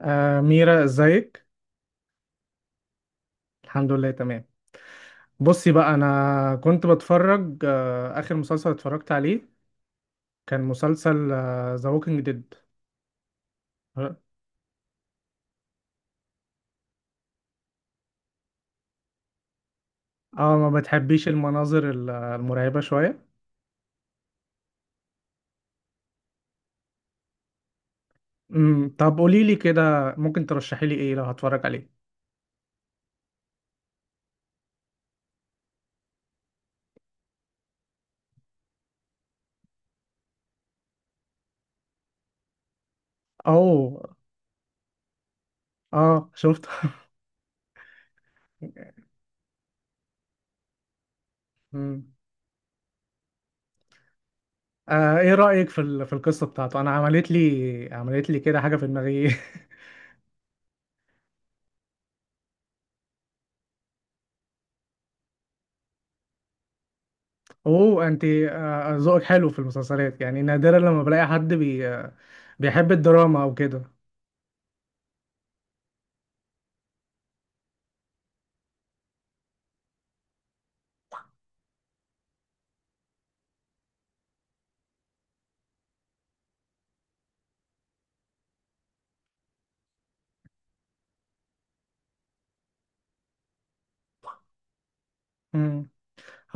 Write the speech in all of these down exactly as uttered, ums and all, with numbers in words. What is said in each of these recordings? آه ميرا، ازيك؟ الحمد لله تمام. بصي بقى، انا كنت بتفرج آه اخر مسلسل اتفرجت عليه كان مسلسل ذا ووكينج ديد. اه. آه، ما بتحبيش المناظر ال- المرعبة شوية. امم طب قولي لي كده، ممكن ترشحي لي ايه لو هتفرج عليه؟ او اه شفت. مم. آه، ايه رأيك في ال- في القصة بتاعته؟ انا عملت لي عملت لي كده حاجة في دماغي. اوه انت آه، ذوقك حلو في المسلسلات، يعني نادرا لما بلاقي حد بي آه، بيحب الدراما او كده. مم.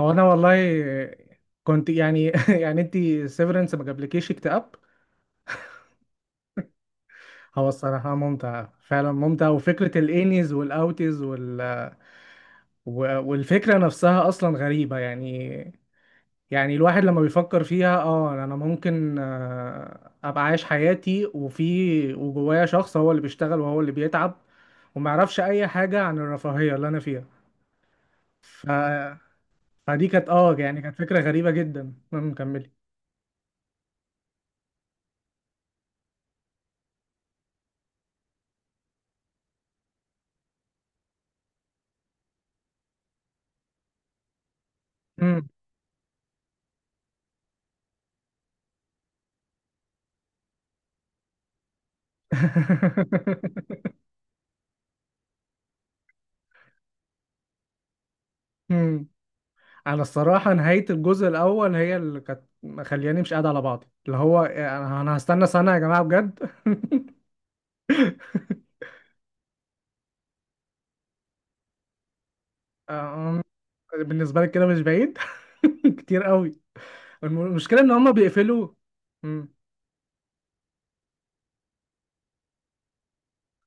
هو انا والله آه، كنت يعني يعني انت سيفرنس ما جابلكيش اكتئاب؟ هو الصراحة ممتع، فعلا ممتع، وفكرة الانيز والاوتيز وال... و- والفكرة نفسها اصلا غريبة يعني. يعني الواحد لما بيفكر فيها، اه يعني انا ممكن آه، ابقى عايش حياتي وفي وجوايا شخص هو اللي بيشتغل وهو اللي بيتعب وما يعرفش اي حاجة عن الرفاهية اللي انا فيها. ف... فدي كانت اه يعني كانت فكرة غريبة جدا. المهم كملي. مم. مم. انا الصراحة نهاية الجزء الاول هي اللي كانت مخلياني مش قاعد على بعضي، اللي هو انا أنا هستنى سنة يا جماعة بجد. آه، بالنسبة لك كده مش بعيد. كتير قوي. الم- المشكله ان هم بيقفلوا. مم.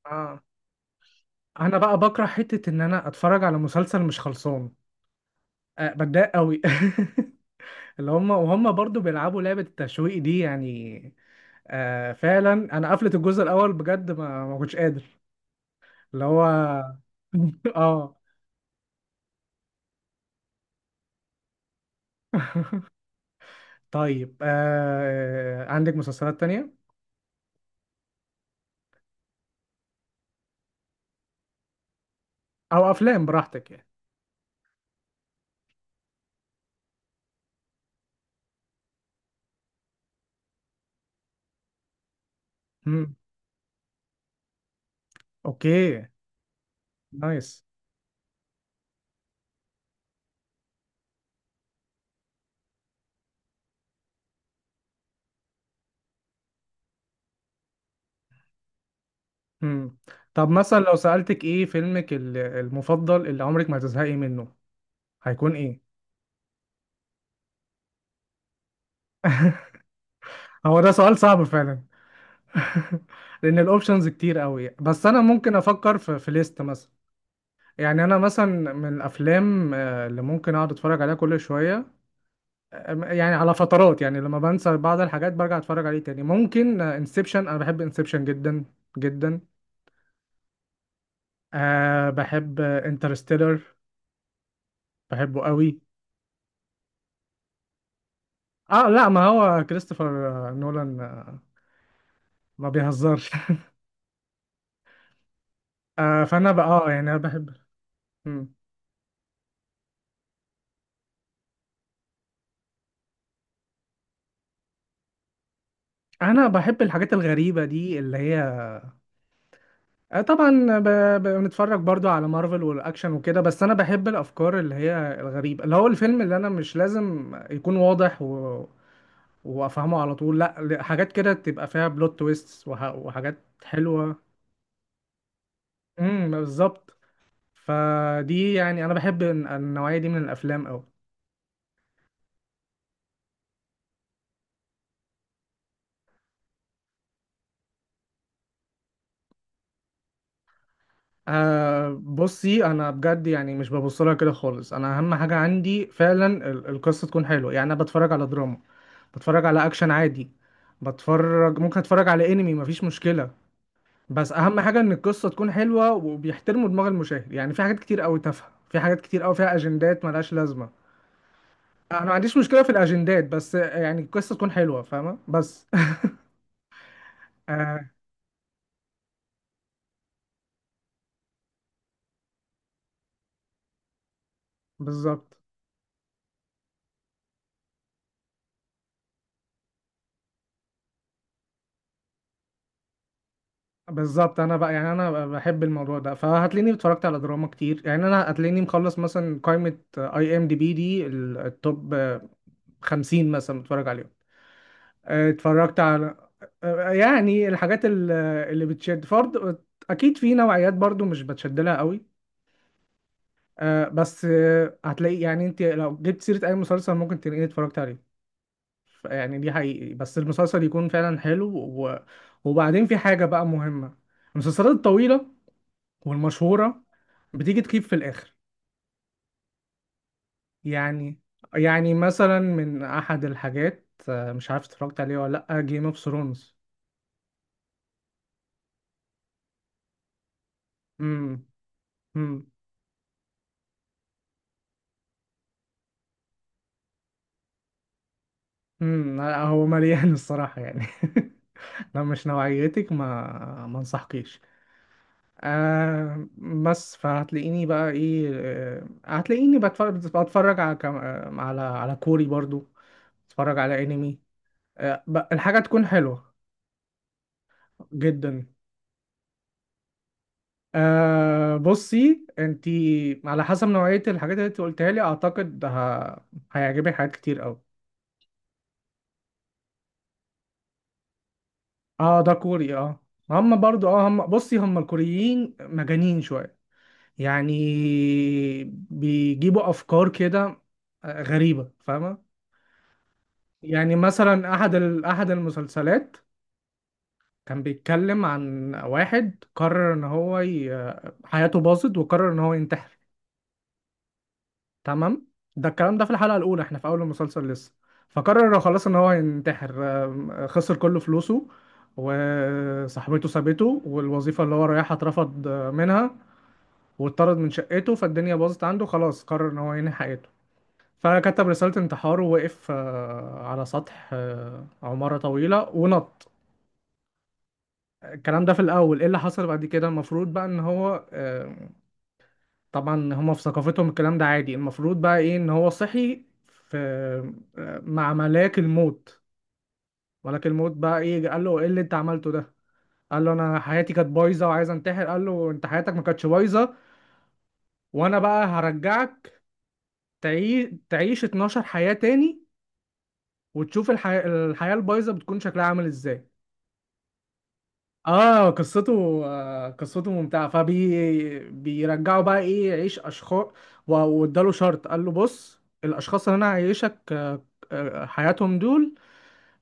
اه انا بقى بكره حته ان انا اتفرج على مسلسل مش خلصان، أه بتضايق قوي. اللي هم، وهم برضو بيلعبوا لعبه التشويق دي يعني. أه فعلا. انا قفلت الجزء الاول بجد، ما ما كنتش قادر، اللي هو. اه. طيب أه عندك مسلسلات تانية او افلام؟ براحتك يعني. مم. اوكي. نايس. مم. طب مثلا لو سألتك ايه فيلمك ال- المفضل اللي عمرك ما هتزهقي منه، هيكون ايه؟ هو ده سؤال صعب فعلا. لان الاوبشنز كتير قوي، بس انا ممكن افكر في في ليست مثلا. يعني انا مثلا من الافلام آه، اللي ممكن اقعد اتفرج عليها كل شويه، آه، يعني على فترات، يعني لما بنسى بعض الحاجات برجع اتفرج عليه تاني، ممكن انسبشن. انا بحب انسبشن جدا جدا. أه بحب انترستيلر، بحبه قوي. اه لا ما هو كريستوفر آه، نولان آه، ما بيهزرش. آه فانا بقى اه يعني انا بحب، انا بحب الحاجات الغريبه دي اللي هي آه، طبعا ب... ب... بنتفرج برضو على مارفل والاكشن وكده، بس انا بحب الافكار اللي هي الغريبه، اللي هو الفيلم اللي انا مش لازم يكون واضح و... وافهمه على طول، لا، ل- حاجات كده تبقى فيها بلوت تويست وح... وحاجات حلوه. امم بالظبط. فدي يعني انا بحب الن- النوعيه دي من الافلام قوي. أه بصي انا بجد يعني مش ببص لها كده خالص، انا اهم حاجه عندي فعلا ال- القصه تكون حلوه. يعني انا بتفرج على دراما، بتفرج على اكشن عادي، بتفرج، ممكن اتفرج على انمي مفيش مشكله، بس اهم حاجه ان القصه تكون حلوه وبيحترموا دماغ المشاهد. يعني في حاجات كتير قوي تافهه، في حاجات كتير قوي فيها اجندات ملهاش لازمه. انا ما عنديش مشكله في الاجندات بس يعني القصه تكون حلوه، فاهمه بس؟ آه بالظبط. بالظبط، انا بقى يعني انا بحب الموضوع ده، فهتلاقيني اتفرجت على دراما كتير. يعني انا هتلاقيني مخلص مثلا قائمه اي ام دي بي دي ال- التوب خمسين مثلا، متفرج عليهم. آه، اتفرجت على آه، يعني الحاجات ال- اللي بتشد فرض. اكيد في نوعيات برضو مش بتشد لها قوي آه، بس آه، هتلاقي يعني انت لو جبت سيرة اي مسلسل ممكن تلاقيني اتفرجت عليه. ف- يعني دي حقيقي، بس المسلسل يكون فعلا حلو و... وبعدين في حاجة بقى مهمة، المسلسلات الطويلة والمشهورة بتيجي تخيب في الاخر يعني. يعني مثلا من احد الحاجات آه، مش عارف اتفرجت عليه ولا لا، جيم اوف ثرونز. امم. امم لا، هو مليان الصراحة يعني. لو مش نوعيتك ما ما انصحكيش. آه بس فهتلاقيني بقى ايه، آه، هتلاقيني بتفرج، بتفرج على كم- آه، على على كوري برضو، بتفرج على انمي، آه ب- الحاجة تكون حلوة جدا. آه بصي انتي على حسب نوعية الحاجات اللي انت قلتها لي، اعتقد ه... هيعجبك حاجات كتير قوي. اه ده كوري اه. هم برضو اه، هم بصي هم الكوريين مجانين شوية يعني، بيجيبوا افكار كده آه، غريبه فاهمه؟ يعني مثلا احد ال... احد المسلسلات كان بيتكلم عن واحد قرر ان هو ي... حياته باظت وقرر ان هو ينتحر. تمام؟ ده الكلام ده في الحلقه الاولى، احنا في اول المسلسل لسه. فقرر خلاص ان هو ينتحر، آم، خسر كل فلوسه وصاحبته سابته والوظيفه اللي هو رايحها اترفض آه، منها واتطرد من شقته، فالدنيا باظت عنده، خلاص قرر ان هو ينهي حياته. فكتب رسالة انتحار ووقف آه، على سطح آه، عمارة طويلة ونط. الكلام ده في الأول. إيه اللي حصل بعد كده؟ المفروض بقى إن هو آه، طبعا هما في ثقافتهم الكلام ده عادي، المفروض بقى إيه، إن هو صحي في آه، مع ملاك الموت. ملاك الموت بقى إيه؟ قال له إيه اللي أنت عملته ده؟ قال له أنا حياتي كانت بايظة وعايز أنتحر. قال له أنت حياتك ما كانتش بايظة، وأنا بقى هرجعك تعيش تعيش اتناشر حياة تاني وتشوف الحياة الحياة البايظة بتكون شكلها عامل إزاي. اه قصته، آه قصته ممتعه، فبي بيرجعوا بقى ايه يعيش اشخاص. واداله شرط، قال له بص الاشخاص اللي انا هعيشك آه، آه، حياتهم دول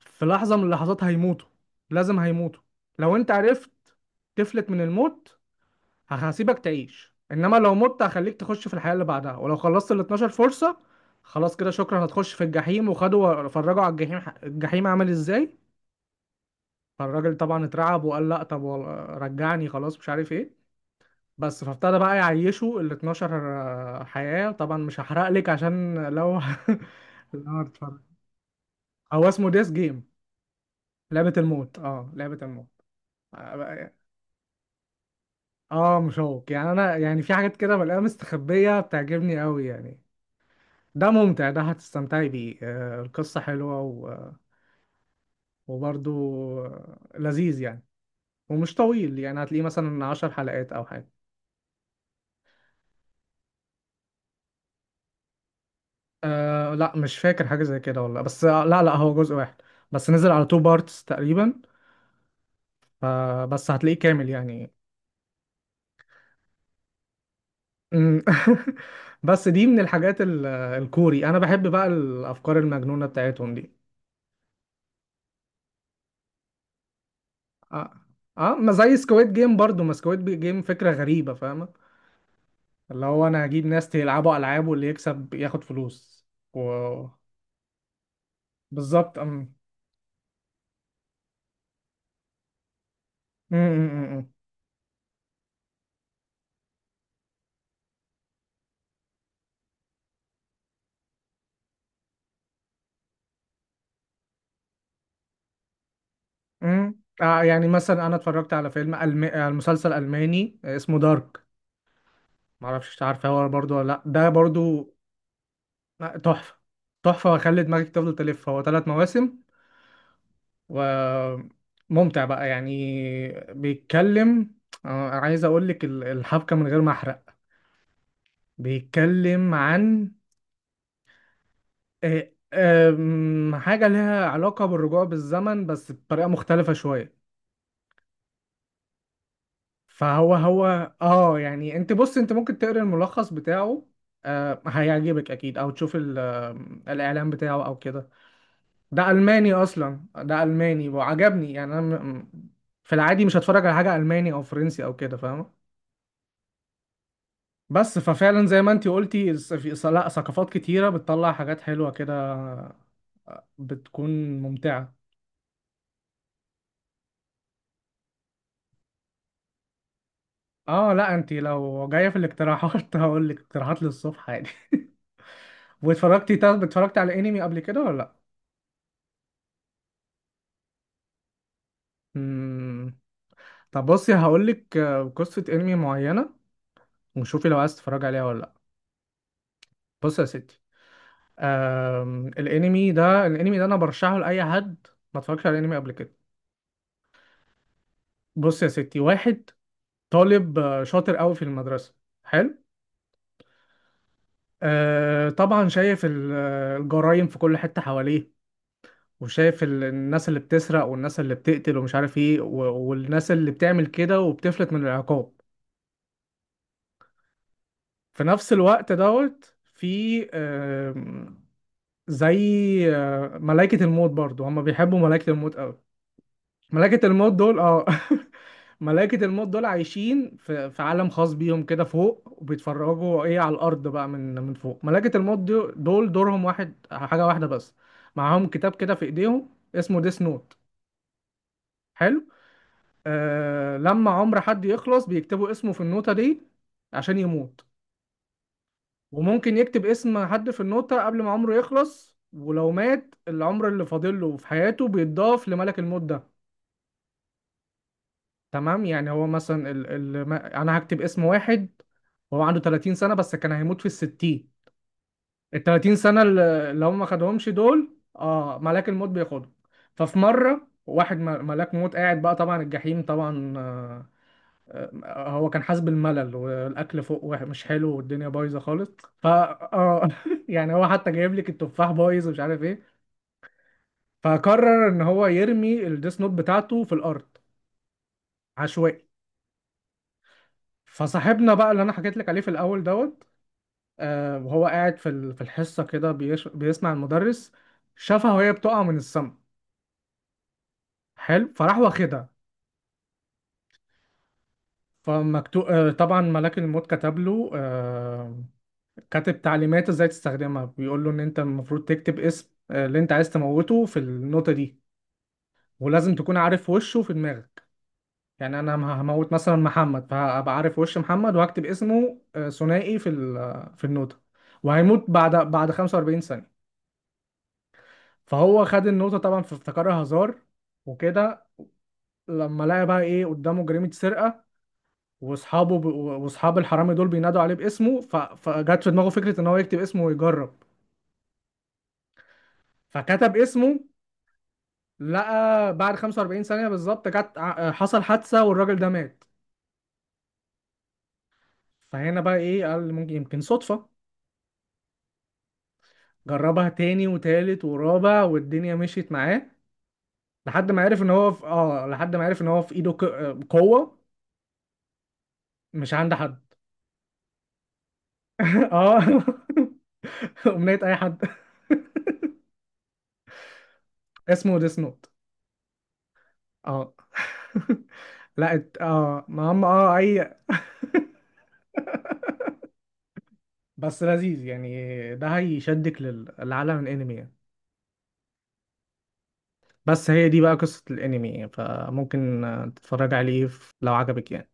في لحظه من اللحظات هيموتوا، لازم هيموتوا. لو انت عرفت تفلت من الموت هسيبك تعيش، انما لو مت هخليك تخش في الحياه اللي بعدها، ولو خلصت ال اتناشر فرصه خلاص كده شكرا، هتخش في الجحيم. وخدوا فرجوا على الجحيم، الجحيم عامل ازاي. فالراجل طبعا اترعب وقال لا طب وال- رجعني خلاص مش عارف ايه. بس فابتدى بقى يعيشوا ال اتناشر آه، حياة. طبعا مش هحرق لك عشان لو لو هتتفرج. هو اسمه ديس جيم، لعبة الموت، اه لعبة الموت اه. آه، مشوق يعني، انا يعني في حاجات كده بلاقيها مستخبية بتعجبني قوي يعني. ده ممتع، ده هتستمتعي بيه آه، القصة حلوة و- وبرضه آه، لذيذ يعني. ومش طويل، يعني هتلاقيه مثلا عشر حلقات او حاجة. آه لا مش فاكر حاجة زي كده والله، بس آه، لا لا هو جزء واحد بس نزل على تو بارتس تقريبا، فبس هتلاقيه كامل يعني. أمم. بس دي من الحاجات ال- الكوري، انا بحب بقى الافكار المجنونة بتاعتهم دي. اه اه، ما زي سكويد جيم برضو، ما سكويد جيم فكرة غريبة فاهمة؟ اللي هو انا هجيب ناس يلعبوا العاب واللي يكسب ياخد فلوس و... بالظبط. أم. أم، أم، أم، أم. أم. آه يعني مثلا انا اتفرجت على فيلم ألم... آه، مسلسل الماني آه، اسمه دارك. معرفش انت عارفه هو برضو ولا لا؟ ده برضو. لا، تحفه، تحفه وهيخلي دماغك تفضل تلف، هو ثلاث مواسم وممتع بقى يعني. بيتكلم آه، عايز اقول لك ال- الحبكه من غير ما احرق. بيتكلم عن آه، آم، حاجه لها علاقه بالرجوع بالزمن بس بطريقه مختلفه شويه. فهو هو اه يعني انت بص، انت ممكن تقرا الملخص بتاعه آه، هيعجبك اكيد، او تشوف ال- آه، الاعلان بتاعه او كده. ده الماني اصلا ده الماني وعجبني. يعني انا م- م- في العادي مش هتفرج على حاجه الماني او فرنسي او كده، فاهمه؟ بس ففعلا زي ما انتي قلتي، الس- في س- لا، ثقافات كتيره بتطلع حاجات حلوه كده، بتكون ممتعه. اه لا انتي لو جايه في الاقتراحات هقول لك اقتراحات للصبح عادي. واتفرجتي؟ طب اتفرجتي على انمي قبل كده ولا لا؟ مم. طب بصي هقول لك قصه انمي معينه، وشوفي لو عايز تتفرجي عليها ولا لا. بصي يا ستي، آم، الانمي ده الانمي ده انا برشحه لاي حد ما اتفرجش على الانمي قبل كده. بص يا ستي، واحد طالب آه، شاطر قوي في المدرسه، حلو. آه طبعا شايف ال- آه، الجرايم في كل حته حواليه، وشايف ال- الناس اللي بتسرق والناس اللي بتقتل ومش عارف ايه، و- والناس اللي بتعمل كده وبتفلت من العقاب. في نفس الوقت دوت في آم، زي آه، ملائكة الموت. برضو هما بيحبوا ملائكة الموت قوي. ملائكة الموت دول اه ملائكة الموت دول عايشين في في عالم خاص بيهم كده فوق، وبيتفرجوا ايه على الأرض بقى من من فوق. ملائكة الموت دو- دول دورهم واحد، حاجة واحدة بس، معاهم كتاب كده في ايديهم اسمه ديس نوت، حلو. آه لما عمر حد يخلص بيكتبوا اسمه في النوتة دي عشان يموت. وممكن يكتب اسم حد في النوتة قبل ما عمره يخلص، ولو مات العمر اللي فاضله في حياته بيتضاف لملك الموت ده. تمام؟ يعني هو مثلا ال... ال... ما- انا هكتب اسم واحد وهو عنده تلاتين سنة بس كان هيموت في الستين، ال تلاتين سنة اللي اللي هم ما خدهمش دول اه ملاك الموت بياخدهم. ففي مرة واحد م- ملاك موت قاعد بقى، طبعا الجحيم طبعا آه، آه، هو كان حاسس بالملل والاكل فوق وح- مش حلو والدنيا بايظه خالص. فا اه يعني هو حتى جايب لك التفاح بايظ ومش عارف ايه. فقرر ان هو يرمي الديس نوت بتاعته في الارض عشوائي. فصاحبنا بقى اللي انا حكيت لك عليه في الاول دوت آه، وهو قاعد في ال- في الحصة كده بيش- بيسمع المدرس، شافها وهي بتقع من السما، حلو. فراح واخدها. فمكتوب آه، طبعا ملاك الموت كتب له آه، كاتب تعليمات ازاي تستخدمها، بيقول له ان انت المفروض تكتب اسم آه، اللي انت عايز تموته في النوتة دي، ولازم تكون عارف وشه في دماغك. يعني انا ه- هموت مثلا محمد، فهبقى عارف وش محمد وهكتب اسمه آه، ثنائي في ال- في النوتة، وهيموت بعد بعد خمسة واربعين ثانية. فهو خد النقطة طبعا فافتكرها هزار وكده. لما لقى بقى ايه قدامه جريمة سرقة، واصحابه ب... واصحاب الحرامي دول بينادوا عليه باسمه، ف... فجت في دماغه فكرة ان هو يكتب اسمه ويجرب. فكتب اسمه، لقى بعد خمسة واربعين ثانية بالظبط جت ع- حصل حادثة والراجل ده مات. فهنا بقى ايه قال ممكن يمكن صدفة. جربها تاني وتالت ورابع والدنيا مشيت معاه، لحد ما عرف ان هو في... اه لحد ما عرف ان هو في ايده ك... قوة مش عند حد. اه أغنية أي حد. اسمه ديس نوت اه. لا ات- اه ما هم اه اي. بس لذيذ يعني، ده هيشدك لل- للعالم الانمي يعني. بس هي دي بقى قصة الانمي يعني، فممكن آه، تتفرج عليه في- لو عجبك يعني.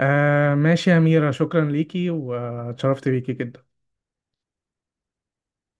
آه ماشي يا أميرة، شكرا ليكي واتشرفت بيكي جدا.